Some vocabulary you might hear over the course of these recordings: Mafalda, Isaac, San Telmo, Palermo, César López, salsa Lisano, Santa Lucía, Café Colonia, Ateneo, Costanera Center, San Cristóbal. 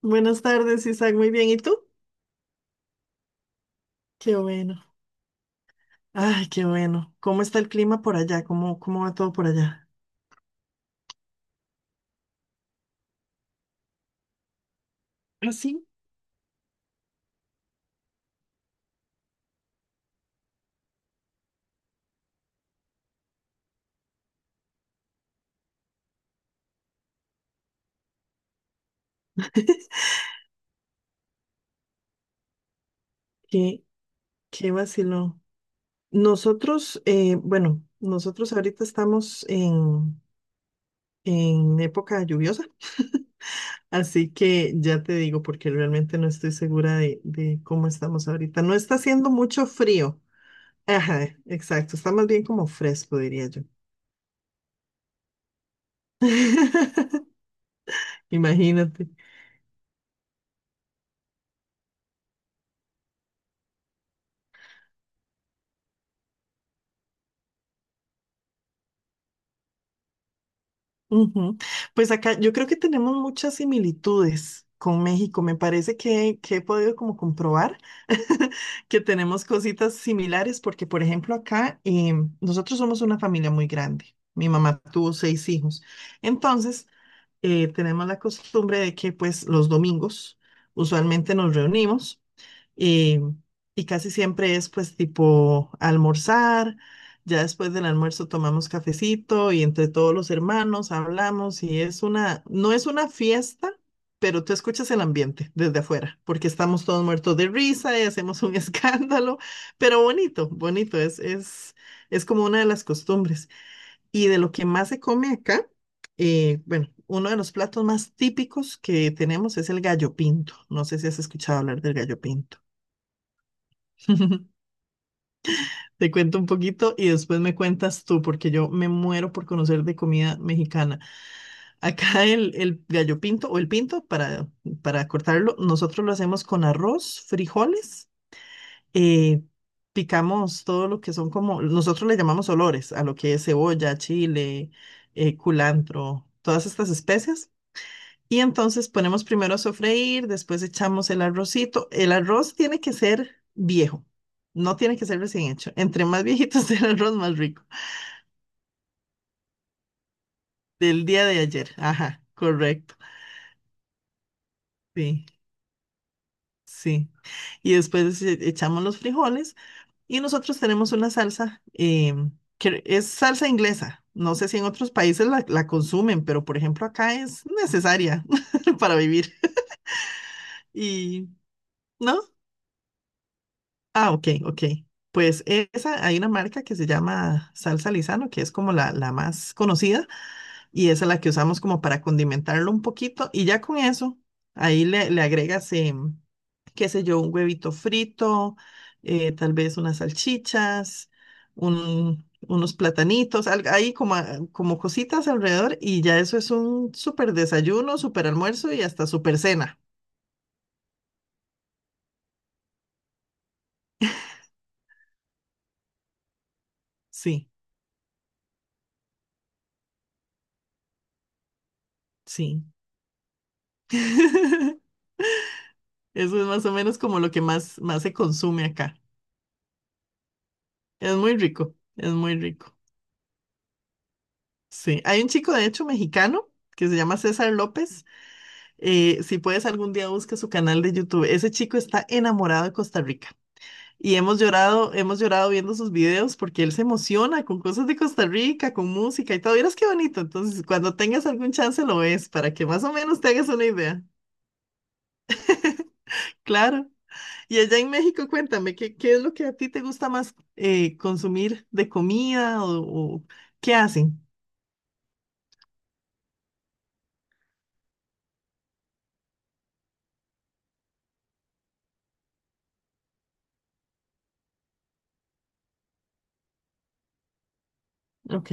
Buenas tardes, Isaac. Muy bien. ¿Y tú? Qué bueno. Ay, qué bueno. ¿Cómo está el clima por allá? ¿Cómo va todo por allá? Ah, sí. Qué, qué vacilón. Nosotros, bueno, nosotros ahorita estamos en época lluviosa, así que ya te digo porque realmente no estoy segura de cómo estamos ahorita. No está haciendo mucho frío. Ajá, exacto. Está más bien como fresco, diría yo. Imagínate. Ujú. Pues acá yo creo que tenemos muchas similitudes con México. Me parece que he podido como comprobar que tenemos cositas similares porque, por ejemplo, acá nosotros somos una familia muy grande. Mi mamá tuvo seis hijos. Entonces, tenemos la costumbre de que pues los domingos usualmente nos reunimos. Y, y casi siempre es pues tipo almorzar, ya después del almuerzo tomamos cafecito y entre todos los hermanos hablamos y es una, no es una fiesta, pero tú escuchas el ambiente desde afuera, porque estamos todos muertos de risa y hacemos un escándalo, pero bonito, bonito, es como una de las costumbres. Y de lo que más se come acá, bueno, uno de los platos más típicos que tenemos es el gallo pinto. No sé si has escuchado hablar del gallo pinto. Te cuento un poquito y después me cuentas tú, porque yo me muero por conocer de comida mexicana. Acá el gallo pinto o el pinto, para cortarlo, nosotros lo hacemos con arroz, frijoles, eh, picamos todo lo que son como, nosotros le llamamos olores a lo que es cebolla, chile, culantro, todas estas especias. Y entonces ponemos primero a sofreír, después echamos el arrocito. El arroz tiene que ser viejo, no tiene que ser recién hecho. Entre más viejito sea el arroz, más rico. Del día de ayer. Ajá, correcto. Sí, sí. Y después echamos los frijoles y nosotros tenemos una salsa que es salsa inglesa. No sé si en otros países la consumen, pero por ejemplo acá es necesaria para vivir. Y, ¿no? Ah, ok, ok. Pues esa, hay una marca que se llama salsa Lisano que es como la más conocida, y esa es la que usamos como para condimentarlo un poquito, y ya con eso, ahí le agregas, qué sé yo, un huevito frito, tal vez unas salchichas, unos platanitos, ahí como, como cositas alrededor, y ya eso es un súper desayuno, súper almuerzo y hasta súper cena. Sí, sí. Eso es más o menos como lo que más se consume acá. Es muy rico, es muy rico. Sí, hay un chico de hecho mexicano que se llama César López. Si puedes algún día busca su canal de YouTube. Ese chico está enamorado de Costa Rica y hemos llorado viendo sus videos porque él se emociona con cosas de Costa Rica, con música y todo. Verás qué bonito. Entonces, cuando tengas algún chance lo ves para que más o menos te hagas una idea. Claro. Y allá en México, cuéntame, ¿qué es lo que a ti te gusta más consumir de comida o qué hacen? Ok.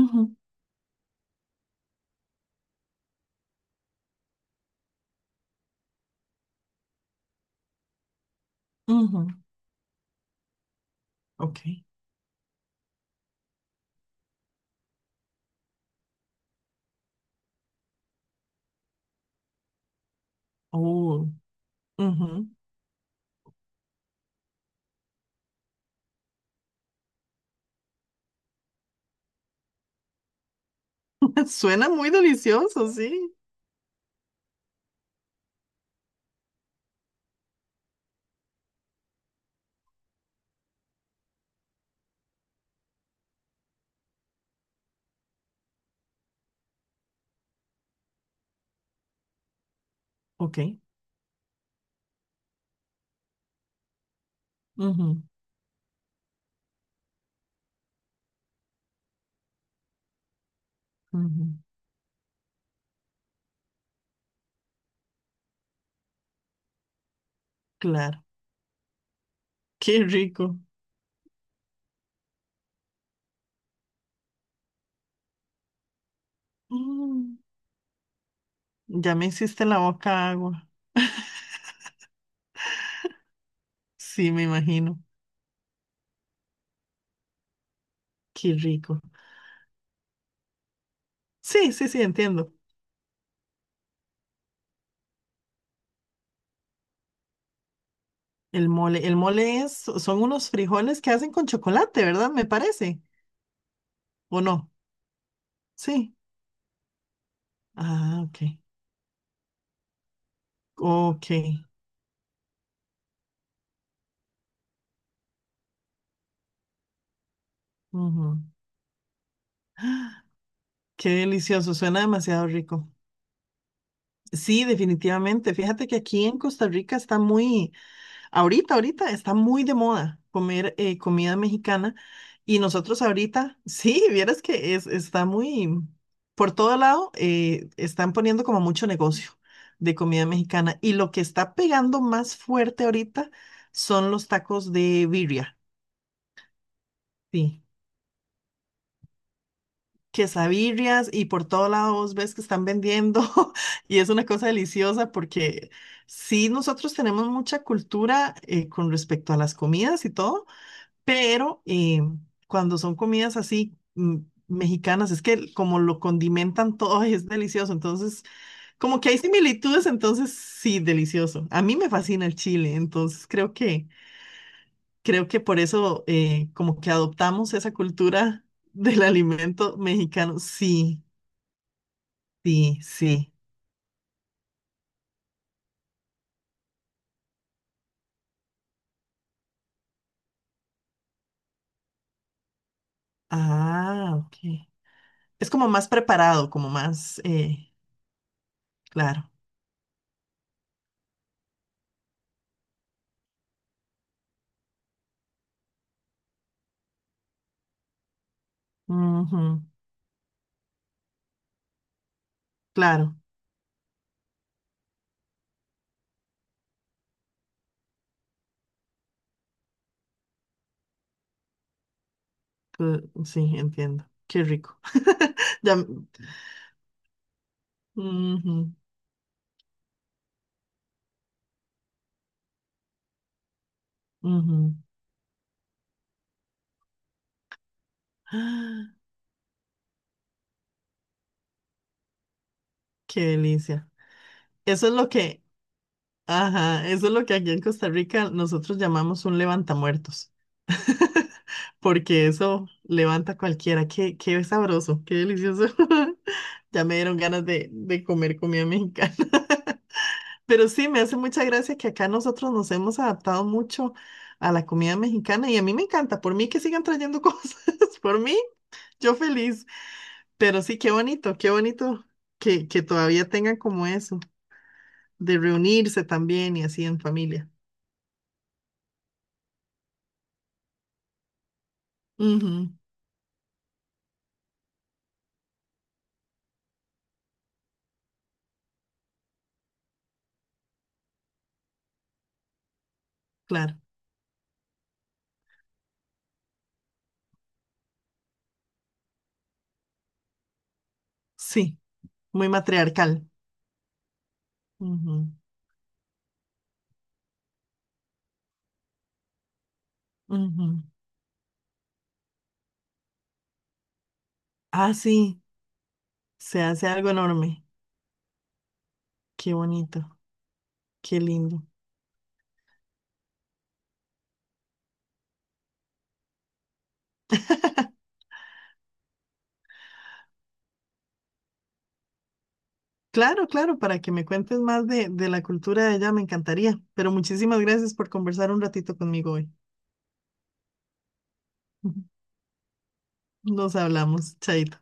Ujú, ujú. Ok. Oh, ujú. Suena muy delicioso, sí. Ok. Ujú, ujú. Claro. Qué rico. Mm. Ya me hiciste la boca agua. Sí, me imagino. Qué rico. Sí, sí, sí, entiendo. El mole es, son unos frijoles que hacen con chocolate, ¿verdad? Me parece. ¿O no? Sí. Ah, ok. Ok. Ujú. Qué delicioso, suena demasiado rico. Sí, definitivamente. Fíjate que aquí en Costa Rica está muy, ahorita, ahorita está muy de moda comer comida mexicana y nosotros ahorita, sí, vieras que es, está muy, por todo lado, están poniendo como mucho negocio de comida mexicana y lo que está pegando más fuerte ahorita son los tacos de birria. Sí. Quesadillas y por todos lados ves que están vendiendo y es una cosa deliciosa porque sí, nosotros tenemos mucha cultura con respecto a las comidas y todo, pero cuando son comidas así mexicanas, es que como lo condimentan todo y es delicioso, entonces como que hay similitudes, entonces sí, delicioso. A mí me fascina el chile, entonces creo que por eso como que adoptamos esa cultura del alimento mexicano, sí. Sí, sí. Ah, ok. Es como más preparado, como más, claro. Ujú, claro, sí, entiendo. Qué rico. Ya, ujú, ujú. Ah, qué delicia. Eso es lo que, ajá, eso es lo que aquí en Costa Rica nosotros llamamos un levantamuertos. Porque eso levanta a cualquiera. Qué sabroso, qué delicioso. Ya me dieron ganas de comer comida mexicana. Pero sí, me hace mucha gracia que acá nosotros nos hemos adaptado mucho a la comida mexicana y a mí me encanta, por mí que sigan trayendo cosas, por mí, yo feliz. Pero sí, qué bonito que todavía tengan como eso, de reunirse también y así en familia. Ujú, claro, sí, muy matriarcal. Ujú, ujú. Ah, sí, se hace algo enorme, qué bonito, qué lindo. Claro, claro, para que me cuentes más de la cultura de allá, me encantaría. Pero muchísimas gracias por conversar un ratito conmigo hoy. Nos hablamos, chaito.